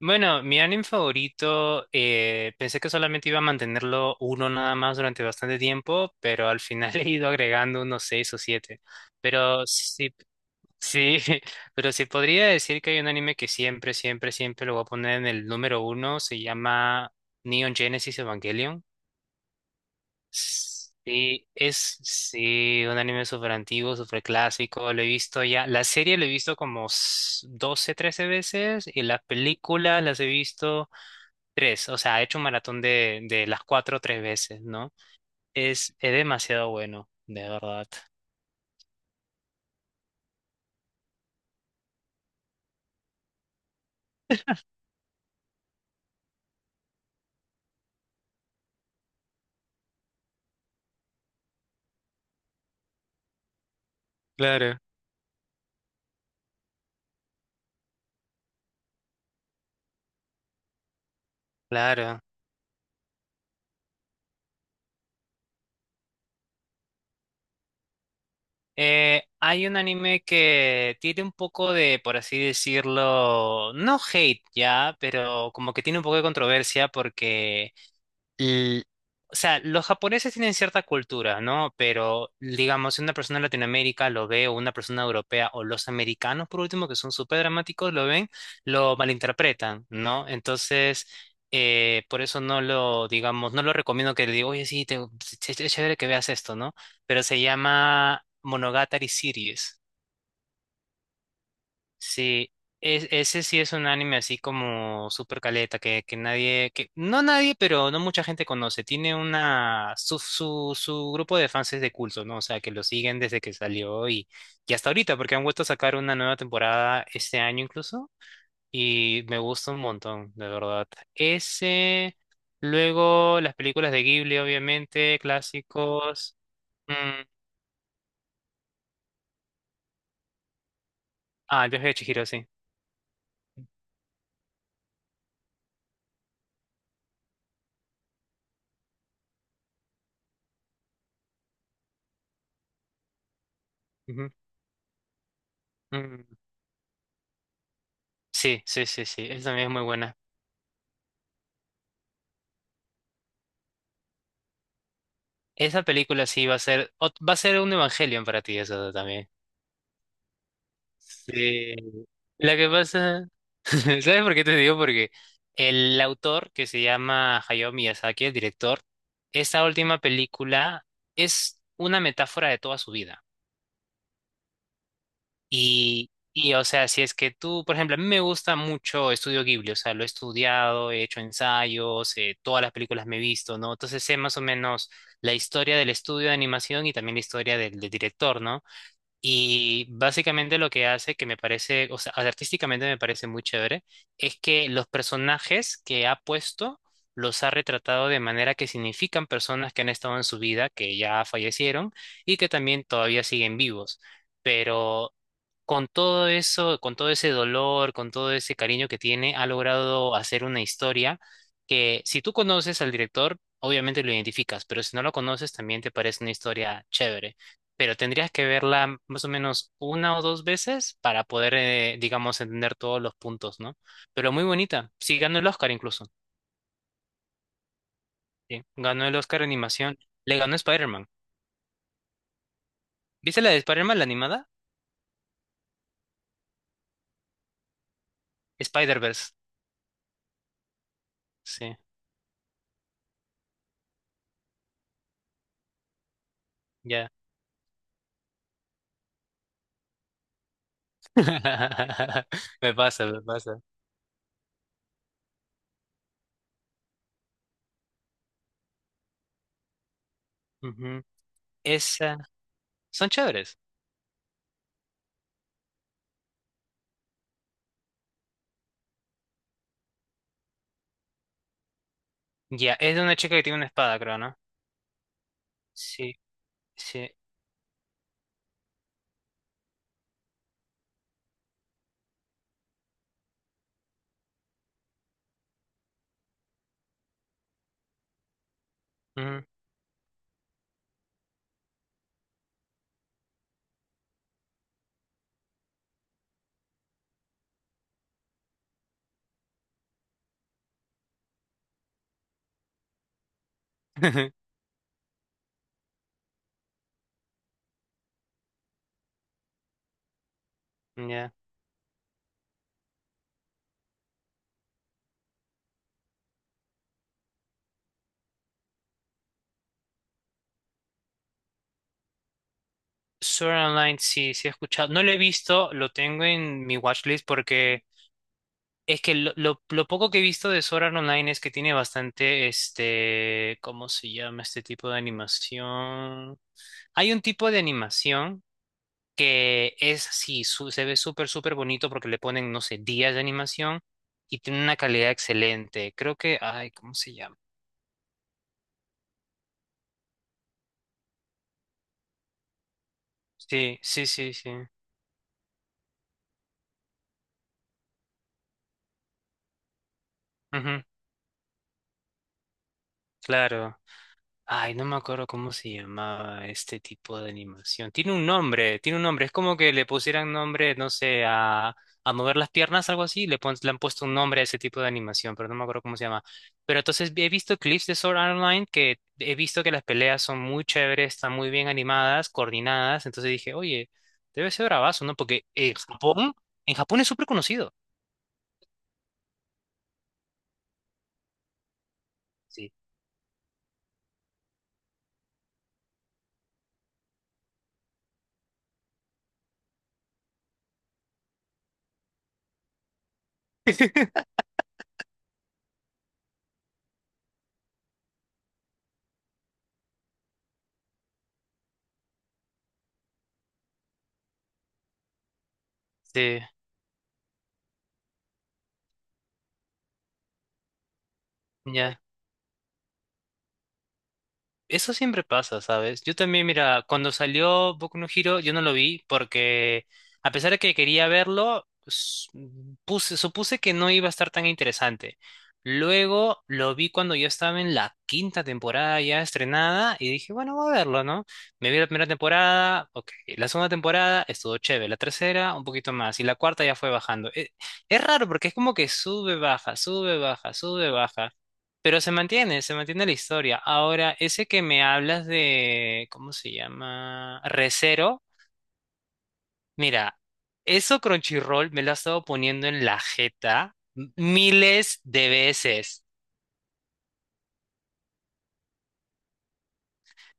Bueno, mi anime favorito, pensé que solamente iba a mantenerlo uno nada más durante bastante tiempo, pero al final he ido agregando unos seis o siete. Pero sí, sí, pero sí podría decir que hay un anime que siempre, siempre, siempre lo voy a poner en el número uno, se llama Neon Genesis Evangelion. Sí, es sí, un anime súper antiguo, súper clásico. Lo he visto ya. La serie lo he visto como 12, 13 veces y las películas las he visto. Tres, o sea, he hecho un maratón de las cuatro tres veces, ¿no? Es demasiado bueno, de verdad. Claro. Claro. Hay un anime que tiene un poco de, por así decirlo, no hate ya, pero como que tiene un poco de controversia porque l- o sea, los japoneses tienen cierta cultura, ¿no? Pero, digamos, si una persona de Latinoamérica lo ve, o una persona europea, o los americanos, por último, que son súper dramáticos, lo ven, lo malinterpretan, ¿no? Entonces, por eso no lo, digamos, no lo recomiendo que le diga, oye, sí, te, es chévere que veas esto, ¿no? Pero se llama Monogatari Series. Sí, ese sí es un anime así como super caleta, que nadie, que no nadie, pero no mucha gente conoce. Tiene una, su grupo de fans es de culto, ¿no? O sea, que lo siguen desde que salió y hasta ahorita, porque han vuelto a sacar una nueva temporada este año incluso, y me gusta un montón, de verdad. Ese, luego las películas de Ghibli, obviamente, clásicos. Mm, ah, El viaje de Chihiro, sí. Ujú. Mm, sí, sí, sí, sí, esa también es muy buena. Esa película sí va a ser, va a ser un Evangelion para ti, eso también. Sí. La que pasa, ¿sabes por qué te digo? Porque el autor, que se llama Hayao Miyazaki, el director, esta última película es una metáfora de toda su vida. Y, o sea, si es que tú, por ejemplo, a mí me gusta mucho Estudio Ghibli, o sea, lo he estudiado, he hecho ensayos, todas las películas me he visto, ¿no? Entonces sé más o menos la historia del estudio de animación y también la historia del director, ¿no? Y básicamente lo que hace, que me parece, o sea, artísticamente me parece muy chévere, es que los personajes que ha puesto los ha retratado de manera que significan personas que han estado en su vida, que ya fallecieron y que también todavía siguen vivos. Pero con todo eso, con todo ese dolor, con todo ese cariño que tiene, ha logrado hacer una historia que si tú conoces al director, obviamente lo identificas, pero si no lo conoces, también te parece una historia chévere. Pero tendrías que verla más o menos una o dos veces para poder, digamos, entender todos los puntos, ¿no? Pero muy bonita. Sí, ganó el Oscar incluso. Sí, ganó el Oscar de animación. Le ganó Spider-Man. ¿Viste la de Spider-Man, la animada? Spider-Verse. Sí, ya. Me pasa, me pasa. Ujú. Esa. Son chéveres. Ya, es de una chica que tiene una espada, creo, ¿no? Sí, sí. Ujú. Ya. Sword Art Online, sí, sí he escuchado. No lo he visto, lo tengo en mi watchlist porque es que lo poco que he visto de Sword Art Online es que tiene bastante, este, ¿cómo se llama este tipo de animación? Hay un tipo de animación que es sí se ve súper, súper bonito porque le ponen, no sé, días de animación y tiene una calidad excelente. Creo que, ay, ¿cómo se llama? Sí, sí, sí, sí. Ujú, claro. Ay, no me acuerdo cómo se llamaba este tipo de animación. Tiene un nombre, tiene un nombre. Es como que le pusieran nombre, no sé, a mover las piernas, algo así. Le, le han puesto un nombre a ese tipo de animación, pero no me acuerdo cómo se llama. Pero entonces he visto clips de Sword Art Online que he visto que las peleas son muy chéveres, están muy bien animadas, coordinadas. Entonces dije, oye, debe ser bravazo, ¿no? Porque en Japón es súper conocido. Sí. Sí, ya. Eso siempre pasa, ¿sabes? Yo también, mira, cuando salió Boku no Hero, yo no lo vi porque, a pesar de que quería verlo, supuse que no iba a estar tan interesante. Luego lo vi cuando yo estaba en la quinta temporada ya estrenada y dije, bueno, voy a verlo, ¿no? Me vi la primera temporada, ok. La segunda temporada estuvo chévere, la tercera un poquito más y la cuarta ya fue bajando. Es, raro porque es como que sube, baja, sube, baja, sube, baja. Pero se mantiene la historia. Ahora, ese que me hablas de, ¿cómo se llama? Recero. Mira, eso Crunchyroll me lo ha estado poniendo en la jeta miles de veces.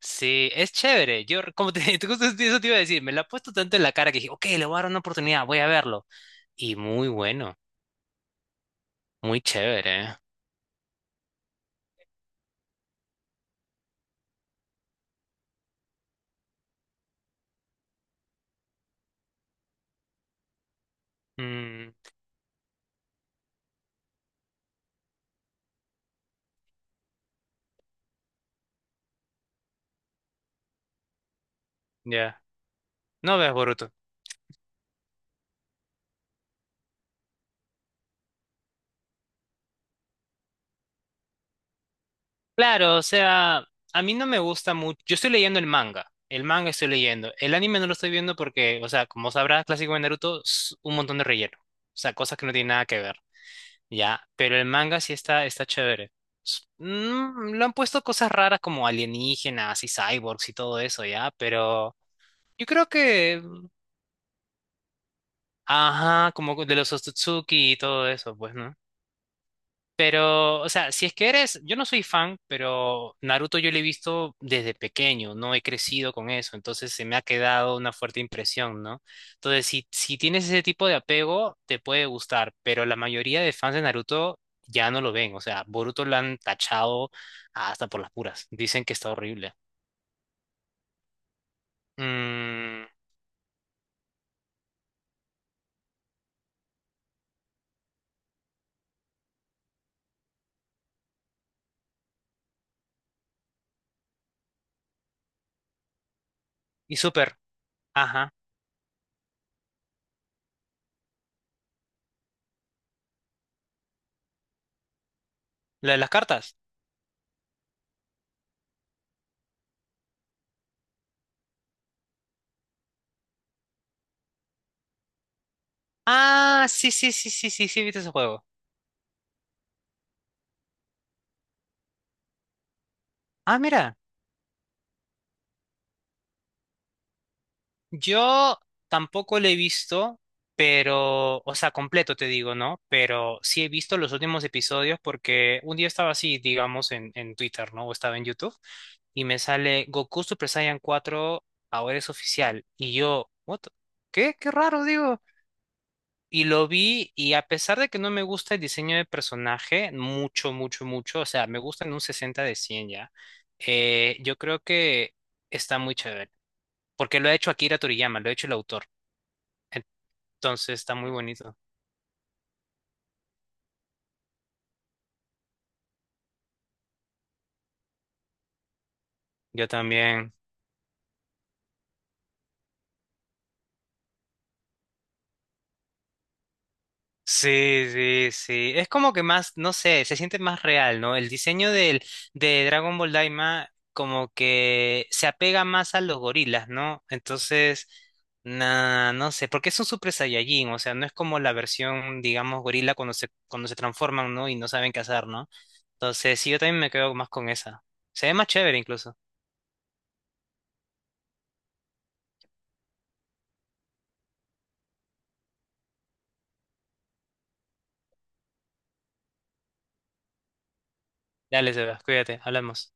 Sí, es chévere. Yo, como te, justo eso te iba a decir, me lo ha puesto tanto en la cara que dije, ok, le voy a dar una oportunidad, voy a verlo. Y muy bueno, muy chévere. Mm, ya. No veas Boruto. Claro, o sea, a mí no me gusta mucho. Yo estoy leyendo el manga. El manga estoy leyendo. El anime no lo estoy viendo porque, o sea, como sabrás, clásico de Naruto, es un montón de relleno. O sea, cosas que no tienen nada que ver. Ya, pero el manga sí está, está chévere. Lo han puesto cosas raras como alienígenas y cyborgs y todo eso, ya, pero yo creo que, ajá, como de los Otsutsuki y todo eso, pues, ¿no? Pero, o sea, si es que eres, yo no soy fan, pero Naruto yo lo he visto desde pequeño, no he crecido con eso, entonces se me ha quedado una fuerte impresión, ¿no? Entonces, si, si tienes ese tipo de apego, te puede gustar, pero la mayoría de fans de Naruto ya no lo ven, o sea, Boruto lo han tachado hasta por las puras, dicen que está horrible. Mm, y Super, ajá, la de las cartas. Ah, sí, sí, sí, sí, sí, sí, viste ese juego. Ah, mira. Yo tampoco lo he visto, pero, o sea, completo te digo, ¿no? Pero sí he visto los últimos episodios porque un día estaba así, digamos, en Twitter, ¿no? O estaba en YouTube y me sale Goku Super Saiyan 4 ahora es oficial. Y yo, what? ¿Qué? Qué raro, digo. Y lo vi y a pesar de que no me gusta el diseño de personaje, mucho, mucho, mucho, o sea, me gusta en un 60 de 100 ya, yo creo que está muy chévere. Porque lo ha hecho Akira Toriyama, lo ha hecho el autor. Entonces está muy bonito. Yo también. Sí, sí, sí. Es como que más, no sé, se siente más real, ¿no? El diseño de Dragon Ball Daima como que se apega más a los gorilas, ¿no? Entonces, nah, no sé, porque es un Super Saiyajin, o sea, no es como la versión, digamos, gorila cuando cuando se transforman, ¿no? Y no saben qué hacer, ¿no? Entonces, sí, yo también me quedo más con esa. Se ve más chévere incluso. Dale, Sebas, cuídate, hablamos.